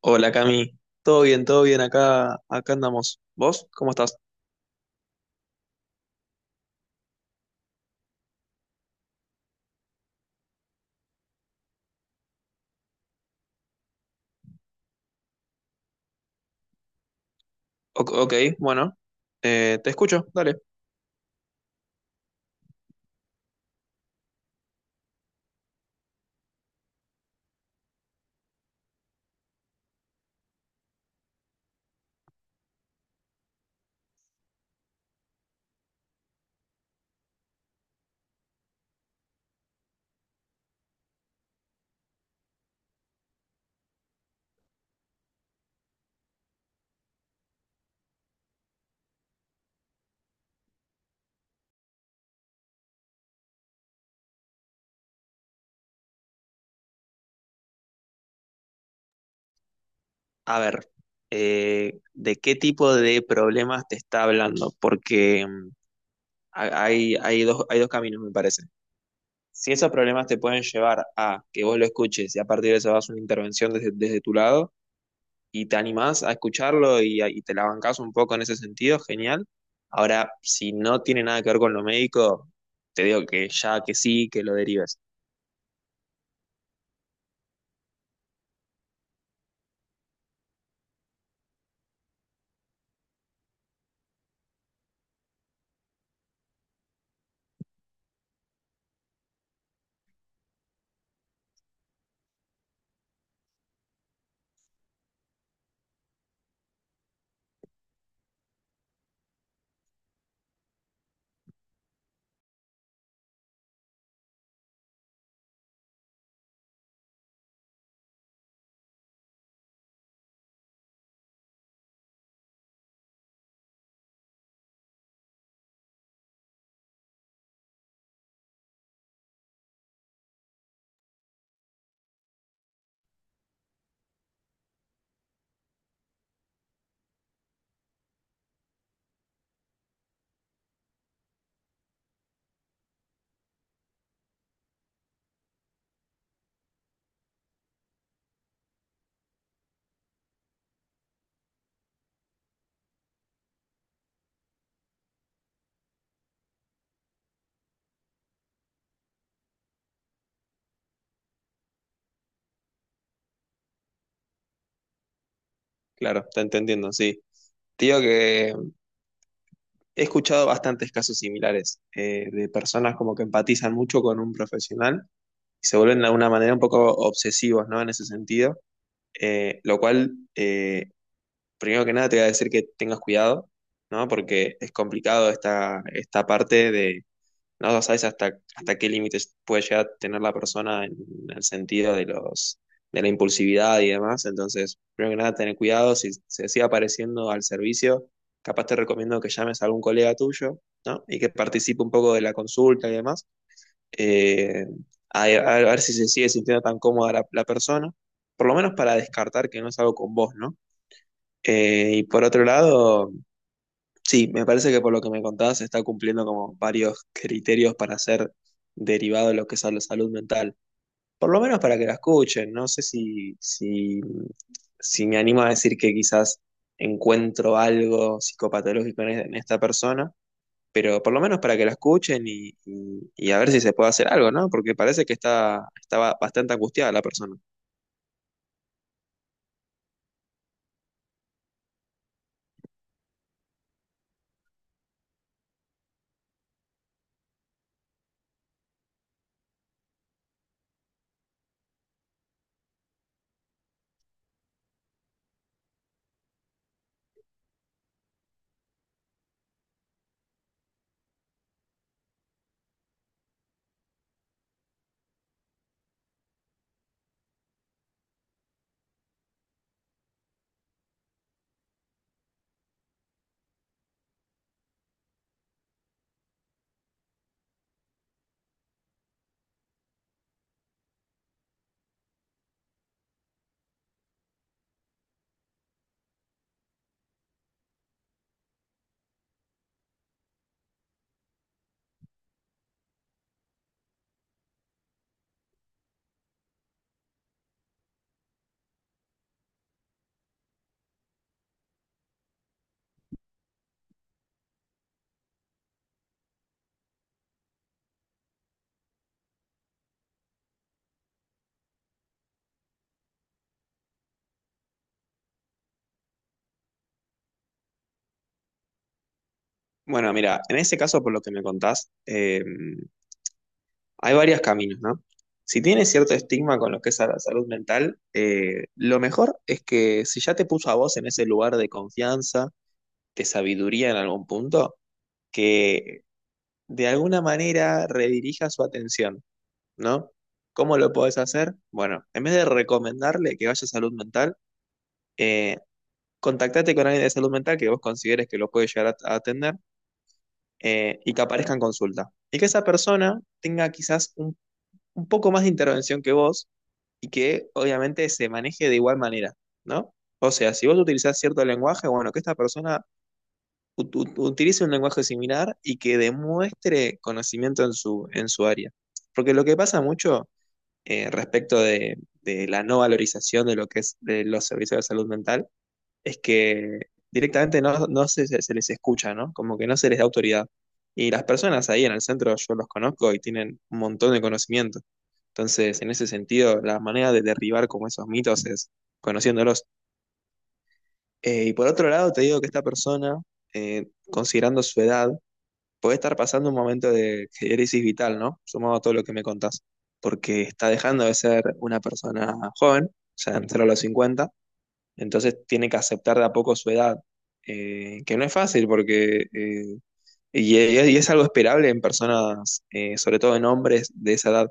Hola Cami, todo bien, acá, acá andamos. ¿Vos? ¿Cómo estás? Ok, bueno, te escucho, dale. A ver, ¿de qué tipo de problemas te está hablando? Porque hay dos, hay dos caminos, me parece. Si esos problemas te pueden llevar a que vos lo escuches y a partir de eso hagas una intervención desde tu lado, y te animás a escucharlo y te la bancás un poco en ese sentido, genial. Ahora, si no tiene nada que ver con lo médico, te digo que ya que sí, que lo derives. Claro, te entendiendo, sí. Te digo que he escuchado bastantes casos similares de personas como que empatizan mucho con un profesional y se vuelven de alguna manera un poco obsesivos, ¿no? En ese sentido. Eh, lo cual, eh, Primero que nada, te voy a decir que tengas cuidado, ¿no? Porque es complicado esta parte de. No, no sabes hasta qué límites puede llegar a tener la persona en el sentido de de la impulsividad y demás. Entonces, primero que nada, tener cuidado. Si se sigue apareciendo al servicio, capaz te recomiendo que llames a algún colega tuyo, ¿no? Y que participe un poco de la consulta y demás. Eh, a, a ver si se sigue sintiendo tan cómoda la persona. Por lo menos para descartar que no es algo con vos, ¿no? Y por otro lado. Sí, me parece que por lo que me contabas se está cumpliendo como varios criterios para ser derivado de lo que es la salud mental. Por lo menos para que la escuchen. No sé si, si, Si me animo a decir que quizás encuentro algo psicopatológico en esta persona, pero por lo menos para que la escuchen y a ver si se puede hacer algo, ¿no? Porque parece que estaba bastante angustiada la persona. Bueno, mira, en ese caso, por lo que me contás, hay varios caminos, ¿no? Si tienes cierto estigma con lo que es la salud mental, lo mejor es que si ya te puso a vos en ese lugar de confianza, de sabiduría en algún punto, que de alguna manera redirija su atención, ¿no? ¿Cómo lo podés hacer? Bueno, en vez de recomendarle que vaya a salud mental, eh, contactate con alguien de salud mental que vos consideres que lo puede llegar a atender y que aparezca en consulta. Y que esa persona tenga quizás un poco más de intervención que vos y que obviamente se maneje de igual manera, ¿no? O sea, si vos utilizás cierto lenguaje, bueno, que esta persona utilice un lenguaje similar y que demuestre conocimiento en su área. Porque lo que pasa mucho respecto de la no valorización de lo que es de los servicios de salud mental es que directamente no se, se se les escucha, ¿no? Como que no se les da autoridad. Y las personas ahí en el centro yo los conozco y tienen un montón de conocimiento. Entonces, en ese sentido, la manera de derribar como esos mitos es conociéndolos. Y por otro lado, te digo que esta persona, considerando su edad, puede estar pasando un momento de crisis vital, ¿no? Sumado a todo lo que me contás, porque está dejando de ser una persona joven, o sea, entrar a los cincuenta, entonces tiene que aceptar de a poco su edad, que no es fácil porque... y es algo esperable en personas, sobre todo en hombres de esa edad.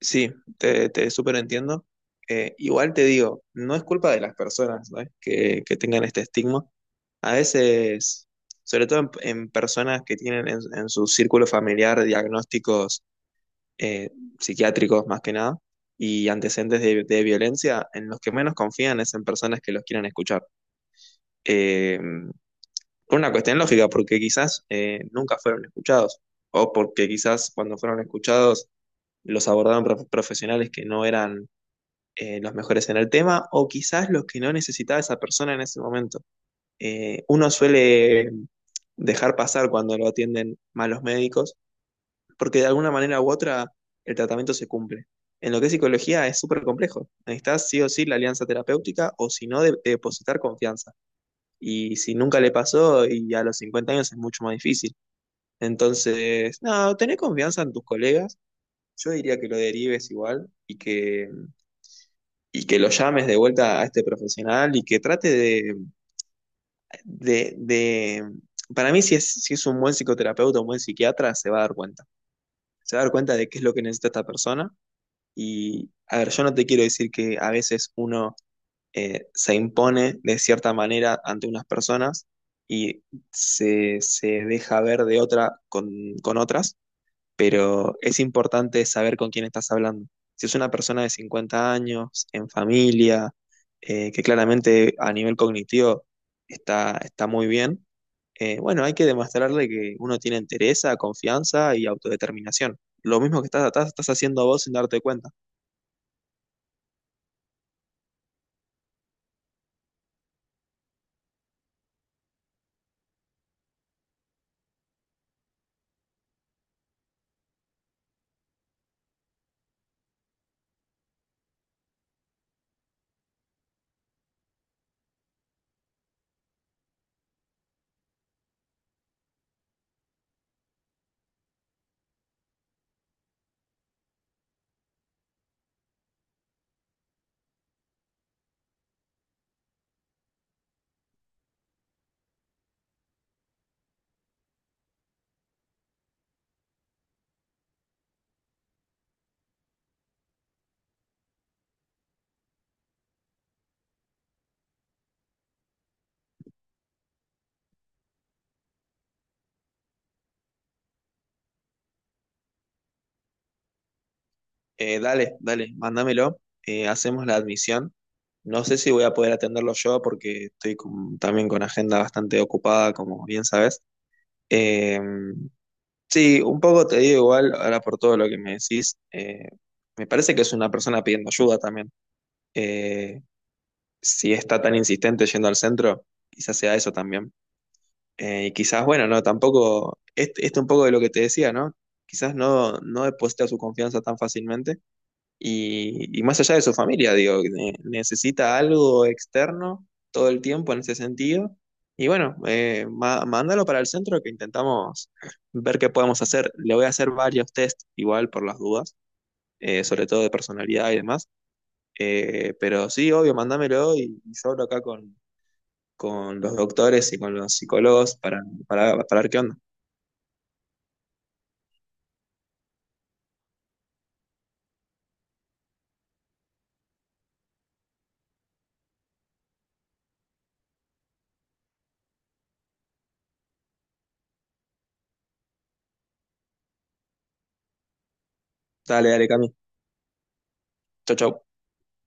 Sí, te súper entiendo. Igual te digo, no es culpa de las personas, ¿no? Que tengan este estigma. A veces, en personas que tienen en su círculo familiar diagnósticos eh, psiquiátricos más que nada y antecedentes de violencia, en los que menos confían es en personas que los quieran escuchar. Eh, por una cuestión lógica, porque quizás nunca fueron escuchados o porque quizás cuando fueron escuchados los abordaron profesionales que no eran los mejores en el tema o quizás los que no necesitaba esa persona en ese momento. Uno suele dejar pasar cuando lo atienden malos médicos porque de alguna manera u otra el tratamiento se cumple. En lo que es psicología es súper complejo. Necesitas sí o sí la alianza terapéutica o si no de depositar confianza. Y si nunca le pasó y a los 50 años es mucho más difícil. Entonces, no, tener confianza en tus colegas. Yo diría que lo derives igual y que lo llames de vuelta a este profesional y que trate de, de- para mí si es un buen psicoterapeuta, un buen psiquiatra, se va a dar cuenta. Se va a dar cuenta de qué es lo que necesita esta persona. Y, a ver, yo no te quiero decir que a veces uno se impone de cierta manera ante unas personas y se deja ver de otra con otras, pero es importante saber con quién estás hablando. Si es una persona de 50 años, en familia, que claramente a nivel cognitivo está muy bien, bueno, hay que demostrarle que uno tiene entereza, confianza y autodeterminación. Lo mismo que estás haciendo vos sin darte cuenta. Dale, dale, mándamelo, hacemos la admisión. No sé si voy a poder atenderlo yo porque estoy también con agenda bastante ocupada, como bien sabes. Eh, Sí, un poco te digo igual, ahora por todo lo que me decís, me parece que es una persona pidiendo ayuda también. Eh, si está tan insistente yendo al centro, quizás sea eso también. Y quizás, bueno, no, tampoco, esto un poco de lo que te decía, ¿no? Quizás no deposita su confianza tan fácilmente y más allá de su familia, digo, necesita algo externo todo el tiempo en ese sentido. Y bueno, mándalo para el centro que intentamos ver qué podemos hacer. Le voy a hacer varios test igual por las dudas, sobre todo de personalidad y demás. Pero sí, obvio, mándamelo y yo hablo acá con los doctores y con los psicólogos para ver qué onda. Dale, dale, Cami. Chau, chau.